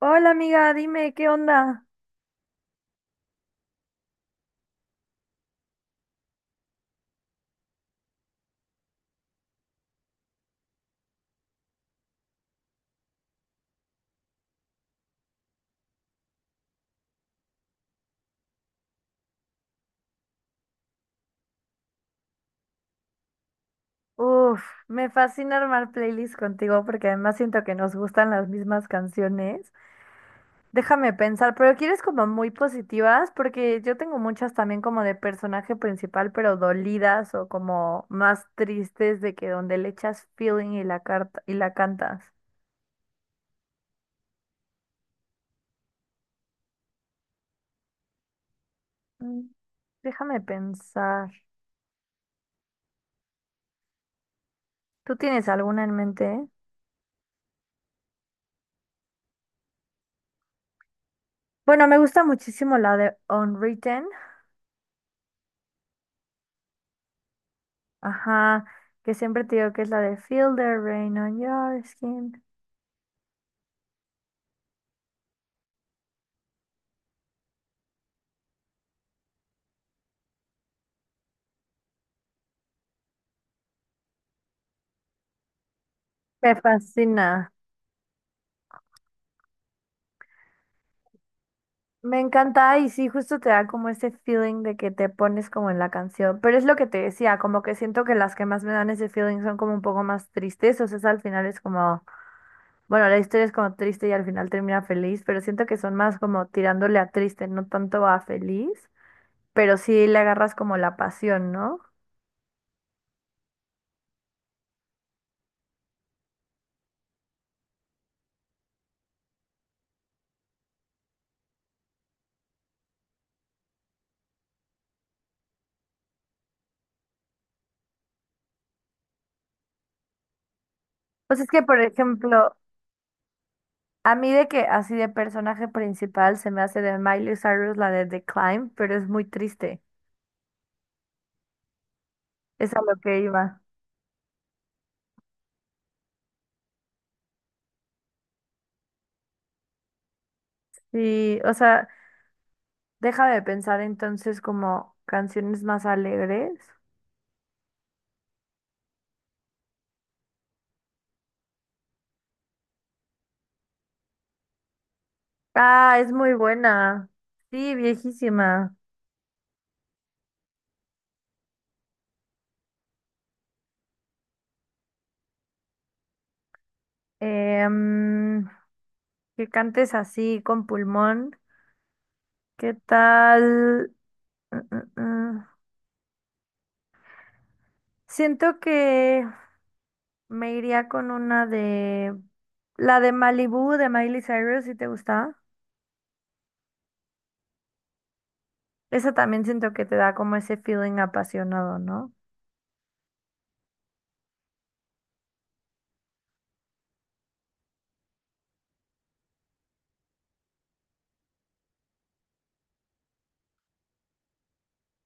Hola amiga, dime, ¿qué onda? Uf, me fascina armar playlists contigo porque además siento que nos gustan las mismas canciones. Déjame pensar, pero quieres como muy positivas porque yo tengo muchas también como de personaje principal, pero dolidas o como más tristes de que donde le echas feeling y la carta y la cantas. Mm, déjame pensar. ¿Tú tienes alguna en mente? Bueno, me gusta muchísimo la de Unwritten. Ajá, que siempre te digo que es la de Feel the Rain on Your Skin. Me fascina. Me encanta y sí, justo te da como ese feeling de que te pones como en la canción. Pero es lo que te decía, como que siento que las que más me dan ese feeling son como un poco más tristes. O sea, es al final es como, bueno, la historia es como triste y al final termina feliz, pero siento que son más como tirándole a triste, no tanto a feliz. Pero sí le agarras como la pasión, ¿no? Pues es que, por ejemplo, a mí de que así de personaje principal se me hace de Miley Cyrus la de The Climb, pero es muy triste. Es a lo que iba. Sí, o sea, deja de pensar entonces como canciones más alegres. Ah, es muy buena. Sí, viejísima. Em, que cantes así con pulmón. ¿Qué tal? Mm, mm, mm. Siento que me iría con una de... La de Malibu de Miley Cyrus, si te gusta. Esa también siento que te da como ese feeling apasionado, ¿no?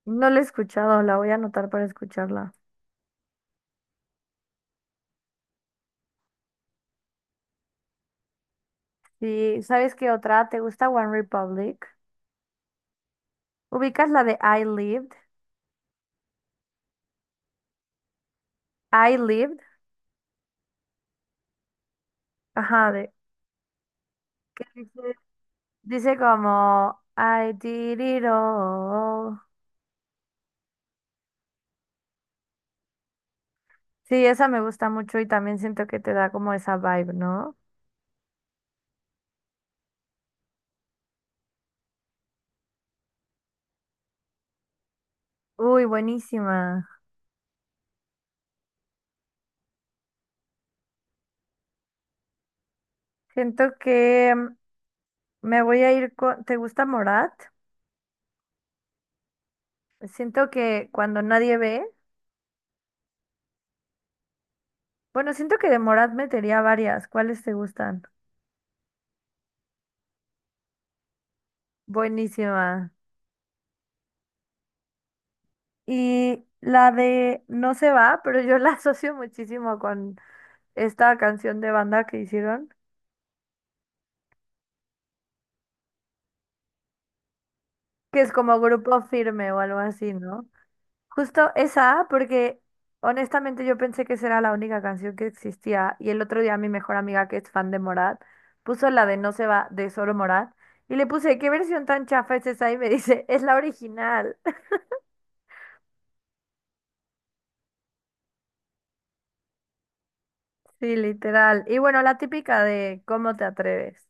No la he escuchado, la voy a anotar para escucharla. Sí, ¿sabes qué otra? ¿Te gusta One Republic? ¿Ubicas la de I Lived? I Lived, ajá, de que dice, dice como I did it all. Sí, esa me gusta mucho y también siento que te da como esa vibe, ¿no? Uy, buenísima. Siento que mm, me voy a ir con... ¿Te gusta Morat? Siento que cuando nadie ve. Bueno, siento que de Morat metería varias. ¿Cuáles te gustan? Buenísima. Y la de No se va, pero yo la asocio muchísimo con esta canción de banda que hicieron, que es como Grupo Firme o algo así, ¿no? Justo esa, porque honestamente yo pensé que esa era la única canción que existía. Y el otro día mi mejor amiga, que es fan de Morat, puso la de No se va de solo Morat. Y le puse, ¿qué versión tan chafa es esa? Y me dice, es la original. Sí, literal. Y bueno, la típica de ¿Cómo te atreves?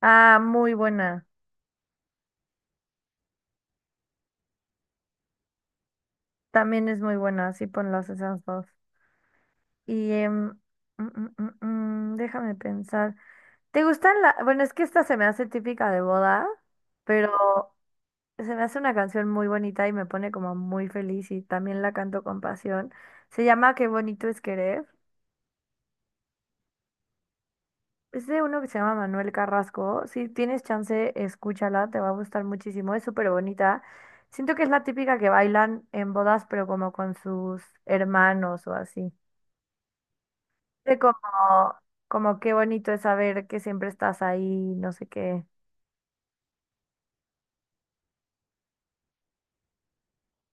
Ah, muy buena. También es muy buena, así ponlas esas dos. Y mm, mm, mm, déjame pensar. ¿Te gustan la... Bueno, es que esta se me hace típica de boda, pero se me hace una canción muy bonita y me pone como muy feliz y también la canto con pasión. Se llama Qué bonito es querer. Es de uno que se llama Manuel Carrasco. Si tienes chance, escúchala, te va a gustar muchísimo. Es súper bonita. Siento que es la típica que bailan en bodas, pero como con sus hermanos o así. De como, como qué bonito es saber que siempre estás ahí, no sé qué.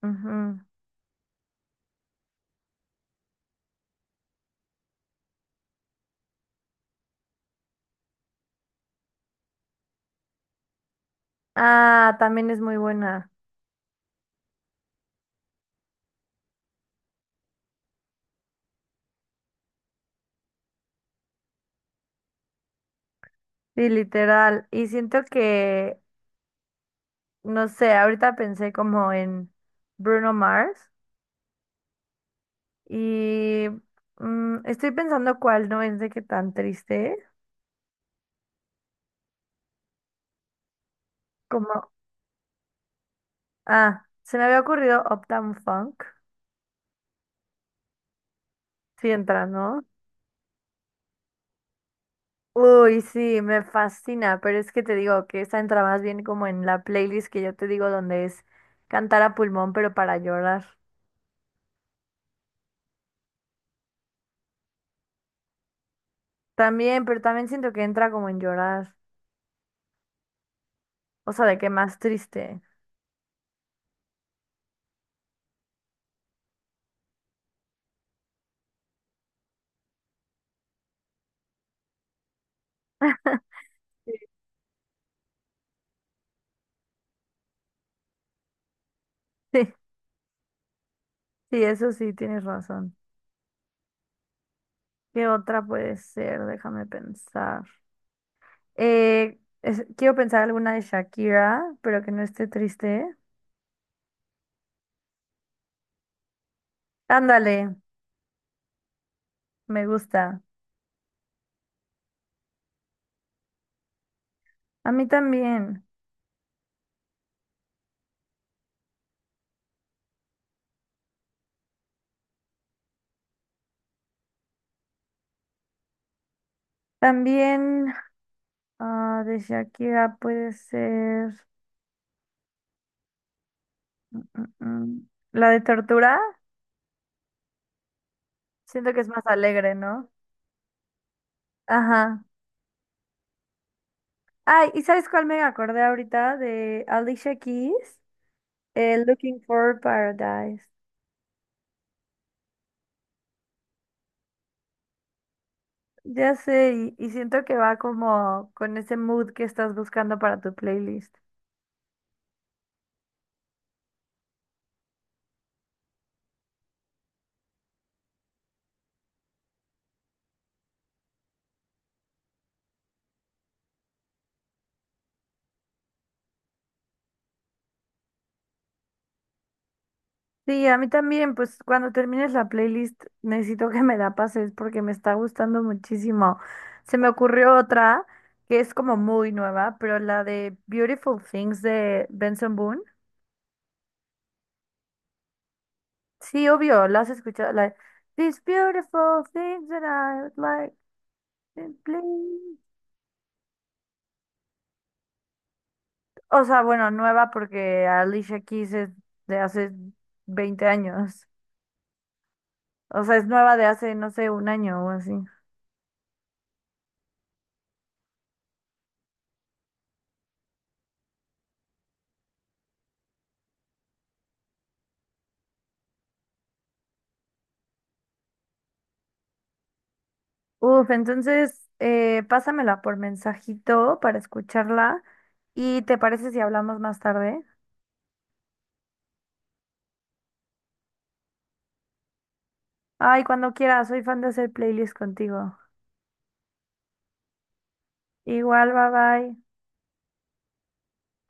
Ujú. Ah, también es muy buena. Sí, literal. Y siento que, no sé, ahorita pensé como en Bruno Mars y mm, estoy pensando cuál no es de qué tan triste. Como, ah, se me había ocurrido Uptown Funk. Sí entra, ¿no? Uy, sí, me fascina, pero es que te digo que esa entra más bien como en la playlist que yo te digo donde es cantar a pulmón, pero para llorar. También, pero también siento que entra como en llorar. O sea, de que más triste. Sí, sí, sí, eso sí, tienes razón. ¿Qué otra puede ser? Déjame pensar. Quiero pensar alguna de Shakira, pero que no esté triste. Ándale, me gusta. A mí también. También ah, de Shakira puede ser mm, mm, la de Tortura. Siento que es más alegre, ¿no? Ajá. Ay, ¿y sabes cuál me acordé ahorita? De Alicia Keys, Looking for Paradise. Ya sé, y, siento que va como con ese mood que estás buscando para tu playlist. Sí, a mí también, pues cuando termines la playlist necesito que me la pases porque me está gustando muchísimo. Se me ocurrió otra que es como muy nueva, pero la de Beautiful Things de Benson Boone. Sí, obvio, la has escuchado, la de These Beautiful Things that I would like to please. O sea, bueno, nueva porque Alicia Keys es de hace 20 años. O sea, es nueva de hace, no sé, un año o así. Uf, entonces pásamela por mensajito para escucharla. ¿Y te parece si hablamos más tarde? Ay, cuando quieras, soy fan de hacer playlists contigo. Igual, bye bye.